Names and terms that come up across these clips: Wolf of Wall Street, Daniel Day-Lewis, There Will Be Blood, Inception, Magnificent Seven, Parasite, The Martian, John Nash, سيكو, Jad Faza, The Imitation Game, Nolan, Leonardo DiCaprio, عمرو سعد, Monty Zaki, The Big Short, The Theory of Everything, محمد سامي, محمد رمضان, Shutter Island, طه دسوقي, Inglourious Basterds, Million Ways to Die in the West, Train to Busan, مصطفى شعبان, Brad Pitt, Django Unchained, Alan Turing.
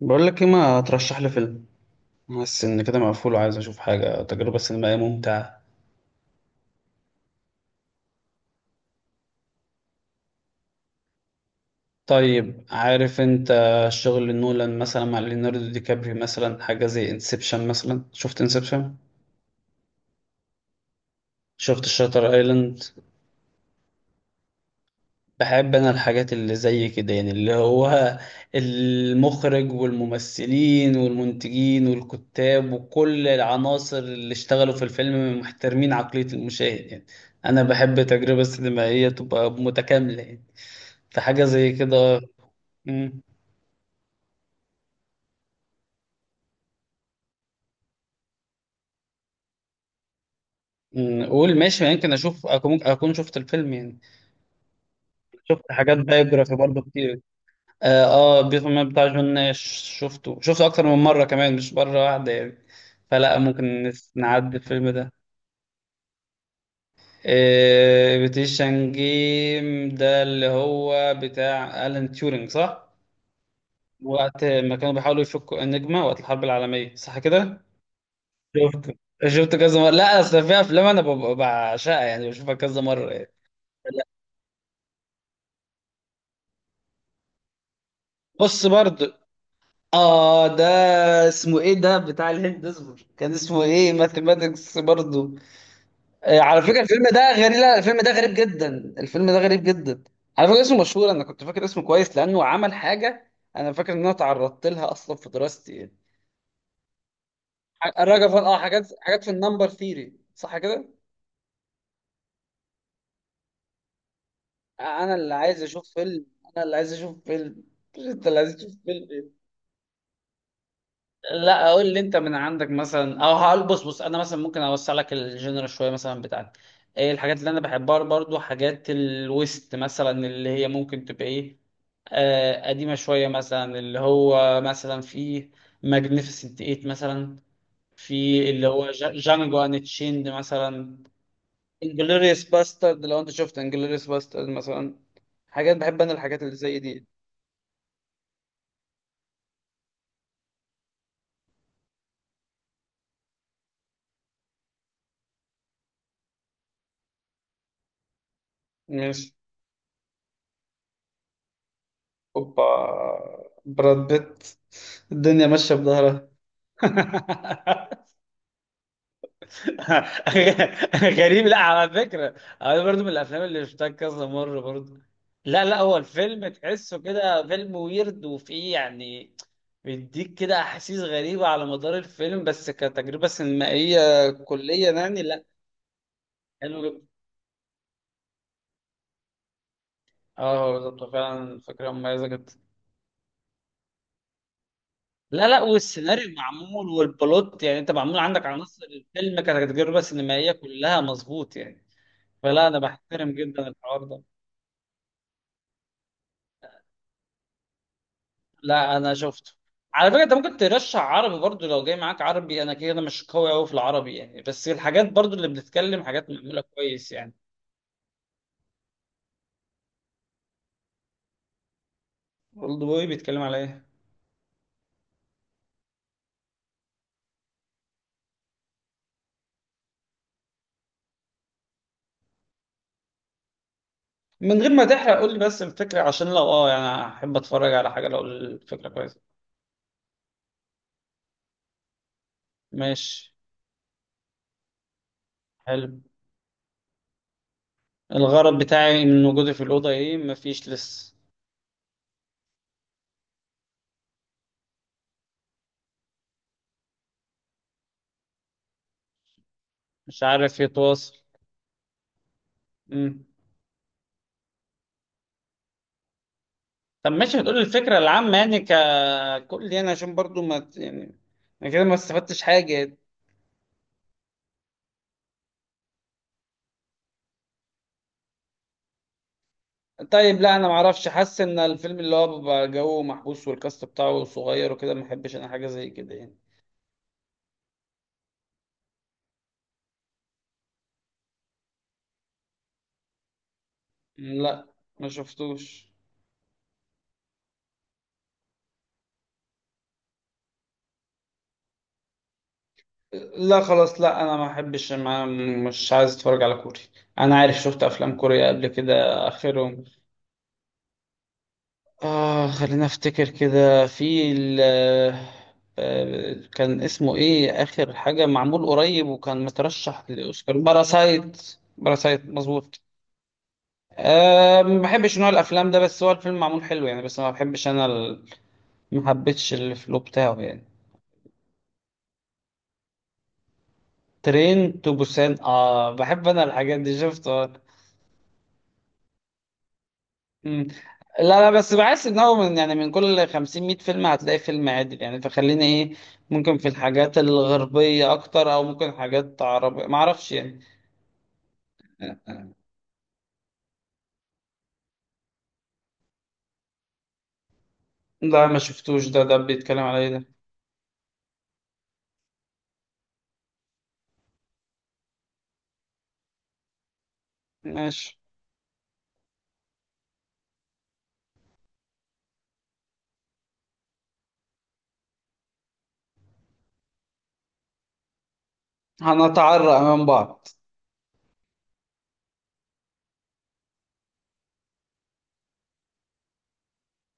بقول لك ايه ما ترشح لي فيلم. بس ان كده مقفول وعايز اشوف حاجه تجربه سينمائيه ممتعه. طيب عارف انت، شغل نولان مثلا مع ليوناردو دي كابريو مثلا حاجه زي انسبشن مثلا. شفت انسبشن؟ شفت شاتر ايلاند؟ بحب انا الحاجات اللي زي كده يعني اللي هو المخرج والممثلين والمنتجين والكتاب وكل العناصر اللي اشتغلوا في الفيلم محترمين عقليه المشاهد يعني. انا بحب تجربه سينمائيه تبقى متكامله يعني، في حاجة زي كده؟ مم. قول ماشي ما يمكن أشوف أكون شفت الفيلم يعني. شفت حاجات بايوجرافي برضه كتير. آه بيتمان بتاع جون ناش. شفته أكتر من مرة كمان مش مرة واحدة يعني. فلا ممكن نعدي الفيلم ده. آه بيتيشن جيم ده اللي هو بتاع ألان تيورينج، صح؟ وقت ما كانوا بيحاولوا يفكوا النجمة وقت الحرب العالمية، صح كده؟ شفت. شفت كذا مرة. لا أصل في أفلام أنا ببقى بعشقها يعني بشوفها كذا مرة يعني. بص برضه. اه ده، اسمه ايه ده بتاع الهند؟ اصبر، كان اسمه ايه؟ ماثيماتكس برضه. آه، على فكره الفيلم ده غريب. لا الفيلم ده غريب جدا، الفيلم ده غريب جدا. على فكره اسمه مشهور، انا كنت فاكر اسمه كويس لانه عمل حاجه انا فاكر ان انا تعرضت لها اصلا في دراستي يعني. الراجل حاجات في النمبر ثيري، صح كده؟ انا اللي عايز اشوف فيلم. انا اللي عايز اشوف فيلم. مش انت اللي عايز تشوف فيلم، إيه؟ لا اقول لي انت من عندك مثلا. او هقول، بص انا مثلا ممكن اوسع لك الجنرال شويه مثلا بتاعتي. ايه الحاجات اللي انا بحبها برضو؟ حاجات الويست مثلا اللي هي ممكن تبقى ايه، آه قديمه شويه مثلا، اللي هو مثلا في ماجنيفيسنت 8 مثلا. في اللي هو جانجو ان تشيند مثلا. انجلوريوس باسترد، لو انت شفت انجلوريوس باسترد مثلا. حاجات بحب انا، الحاجات اللي زي دي. ماشي. اوبا. براد بيت. الدنيا ماشيه بظهرها. غريب، لا على فكرة. أنا برضو من الأفلام اللي شفتها كذا مرة برضو. لا لا، هو الفيلم تحسه كده فيلم ويرد وفيه يعني بيديك كده أحاسيس غريبة على مدار الفيلم، بس كتجربة سينمائية كلية يعني لا. حلو جدا. اه، هو بالظبط، هو فعلا فكرة مميزة جدا. لا لا، والسيناريو معمول والبلوت يعني، انت معمول عندك عناصر الفيلم كتجربة سينمائية كلها مظبوط يعني. فلا انا بحترم جدا الحوار ده. لا انا شفته. على فكره انت ممكن ترشح عربي برضو، لو جاي معاك عربي. انا كده مش قوي قوي في العربي يعني، بس الحاجات برضو اللي بنتكلم حاجات معموله كويس يعني. اولد بوي بيتكلم على ايه؟ من غير ما تحرق قول لي بس الفكره، عشان لو اه يعني احب اتفرج على حاجه لو الفكره كويسه. ماشي. حلو. الغرض بتاعي من وجودي في الاوضه ايه؟ مفيش لسه. مش عارف يتواصل. امم طب ماشي، هتقول لي الفكره العامه يعني ككل يعني عشان برضو ما ت- يعني انا كده ما استفدتش حاجه. طيب لا انا ما اعرفش، حاسس ان الفيلم اللي هو بيبقى جو محبوس والكاست بتاعه صغير وكده، ما احبش انا حاجه زي كده يعني. لا ما شفتوش. لا خلاص، لا انا ما احبش ما. مش عايز اتفرج على كوري. انا عارف، شفت افلام كوريا قبل كده اخرهم، اه خلينا افتكر كده في ال، آه، كان اسمه ايه اخر حاجه معمول قريب وكان مترشح للاوسكار، باراسايت. باراسايت، مظبوط. أه ما بحبش نوع الافلام ده، بس هو الفيلم معمول حلو يعني، بس ما بحبش انا ال، ما حبيتش الفلو بتاعه يعني. ترين تو بوسان، اه بحب انا الحاجات دي، شفته. مم. لا لا، بس بحس ان هو من يعني من كل 50 100 فيلم هتلاقي فيلم عادل يعني، فخلينا ايه، ممكن في الحاجات الغربية اكتر او ممكن حاجات عربية، ما اعرفش يعني. لا ما شفتوش ده، ده بيتكلم على ايه ده؟ ماشي. هنتعرق من بعض.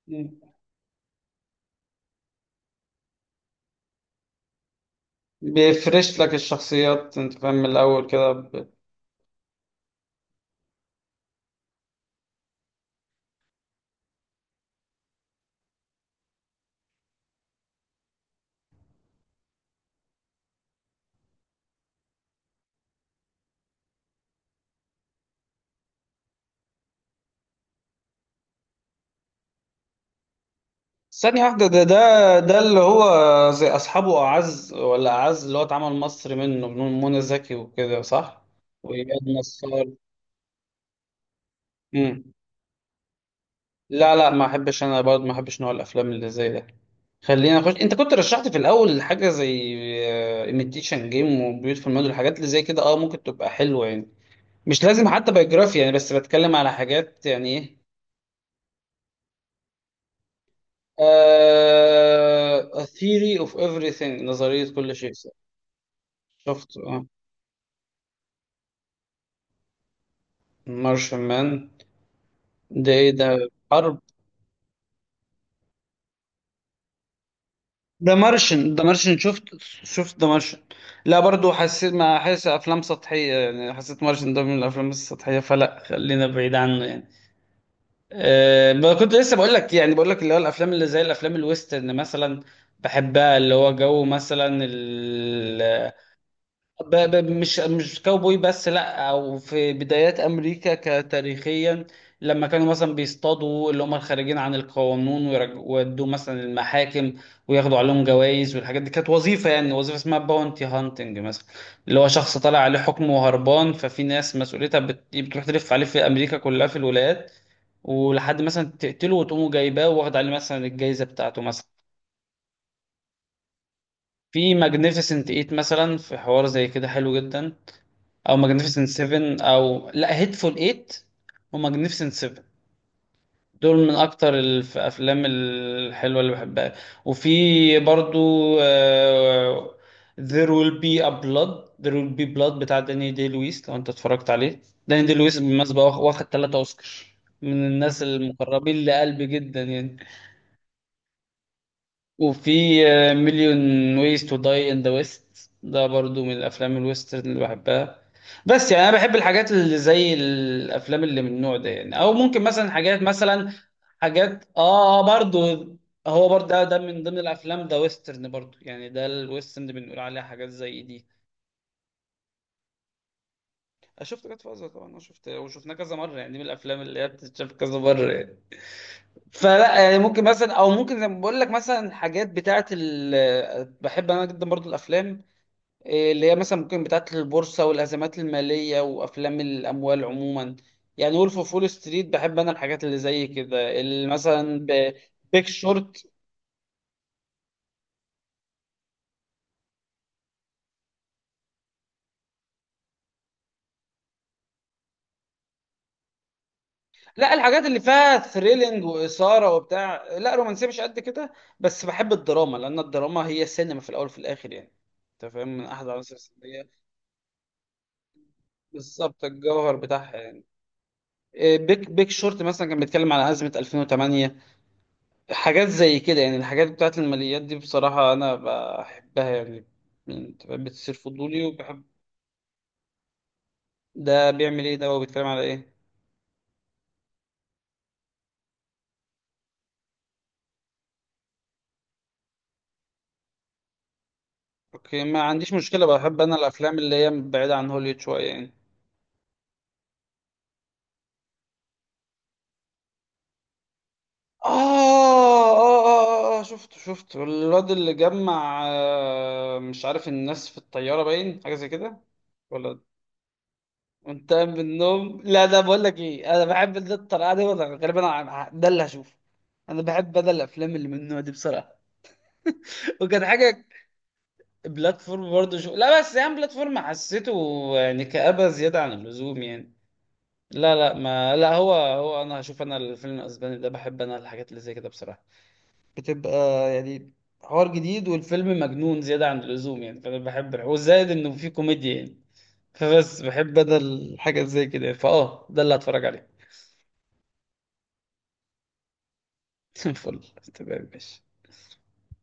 مم. بيفرش لك الشخصيات، انت فاهم، من الاول كده. ثانية واحدة، ده اللي هو زي أصحابه، أعز ولا أعز، اللي هو اتعمل مصري منه، من منى زكي وكده، صح؟ وإياد نصار. مم. لا لا، ما أحبش أنا برضه، ما أحبش نوع الأفلام اللي زي ده. خلينا نخش، أنت كنت رشحت في الأول حاجة زي إيميتيشن جيم وبيوتفل مود، الحاجات اللي زي كده أه ممكن تبقى حلوة يعني. مش لازم حتى بايوجرافي يعني، بس بتكلم على حاجات يعني إيه. آه، A theory of everything، نظرية كل شيء. شفت اه. مارشمان، ده ايه ده، حرب؟ ده مارشن، ده مارشن شفت. شفت ده مارشن. لا برضو حسيت، ما حاسس افلام سطحيه يعني، حسيت مارشن ده من الافلام السطحيه، فلا خلينا بعيد عنه يعني. أه ما كنت لسه بقول لك يعني، بقول لك اللي هو الافلام اللي زي الافلام الويسترن مثلا بحبها، اللي هو جو مثلا. مش كاوبوي بس، لا او في بدايات امريكا كتاريخيا، لما كانوا مثلا بيصطادوا اللي هم الخارجين عن القانون، ويودوا مثلا المحاكم وياخدوا عليهم جوائز، والحاجات دي كانت وظيفه يعني، وظيفه اسمها باونتي هانتنج مثلا. اللي هو شخص طالع عليه حكم وهربان، ففي ناس مسؤوليتها بتروح تلف عليه في امريكا كلها في الولايات ولحد مثلا تقتله وتقوموا جايباه، واخد عليه مثلا الجائزه بتاعته مثلا. في ماجنيفيسنت ايت مثلا، في حوار زي كده حلو جدا. او ماجنيفيسنت 7، او لا هيتفول 8، وماجنيفيسنت 7، دول من اكتر الافلام الحلوه اللي بحبها. وفي برضو آه، There will be blood بتاع داني دي لويس، لو انت اتفرجت عليه. داني دي لويس بالمناسبه واخد ثلاثة اوسكار، من الناس المقربين لقلبي جدا يعني. وفي مليون ويز تو داي ان ذا ويست، ده برضو من الافلام الويسترن اللي بحبها. بس يعني انا بحب الحاجات اللي زي الافلام اللي من النوع ده يعني، او ممكن مثلا حاجات مثلا، حاجات برضو. هو برضه ده من ضمن الافلام ده، ويسترن برضو يعني، ده الويسترن اللي بنقول عليها حاجات زي دي. أنا شفت جاد فازر طبعا، انا شفت وشفناه كذا مره يعني، دي من الافلام اللي هي بتتشاف كذا مره يعني. فلا يعني ممكن مثلا، او ممكن زي ما بقول لك مثلا، حاجات بتاعه ال، بحب انا جدا برضو الافلام إيه، اللي هي مثلا ممكن بتاعه البورصه والازمات الماليه وافلام الاموال عموما يعني. وولف اوف وول ستريت، بحب انا الحاجات اللي زي كده اللي مثلا بيك شورت. لا الحاجات اللي فيها ثريلينج واثاره وبتاع، لا رومانسيه مش قد كده. بس بحب الدراما لان الدراما هي السينما في الاول وفي الاخر يعني، انت فاهم، من احد العناصر السينمائيه. بالظبط، الجوهر بتاعها يعني. إيه، بيك شورت مثلا كان بيتكلم على أزمة 2008. حاجات زي كده يعني، الحاجات بتاعت الماليات دي بصراحة أنا بحبها يعني. أنت فاهم؟ بتثير فضولي وبحب. ده بيعمل إيه ده، وبيتكلم على إيه؟ أوكي، ما عنديش مشكلة، بحب أنا الأفلام اللي هي بعيدة عن هوليوود شوية يعني. آه آه آه آه شفته الواد اللي جمع مش عارف الناس في الطيارة، باين حاجة زي كده، ولا وانت قايم من النوم؟ لا ده بقول لك ايه، انا بحب ده، الطريقة دي ولا غالبا ده اللي هشوفه. انا بحب ده، الافلام اللي من النوع دي بصراحة. وكان حاجة. بلاتفورم برضه شو، لا بس يعني بلاتفورم حسيته يعني كآبة زيادة عن اللزوم يعني. لا لا ما لا، هو انا هشوف انا الفيلم الاسباني ده، بحب انا الحاجات اللي زي كده بصراحة، بتبقى يعني حوار جديد والفيلم مجنون زيادة عن اللزوم يعني، فأنا بحب وزائد إنه فيه كوميديا يعني، فبس بحب أنا الحاجة زي كده يعني، فأه ده اللي هتفرج عليه. فل تمام ماشي.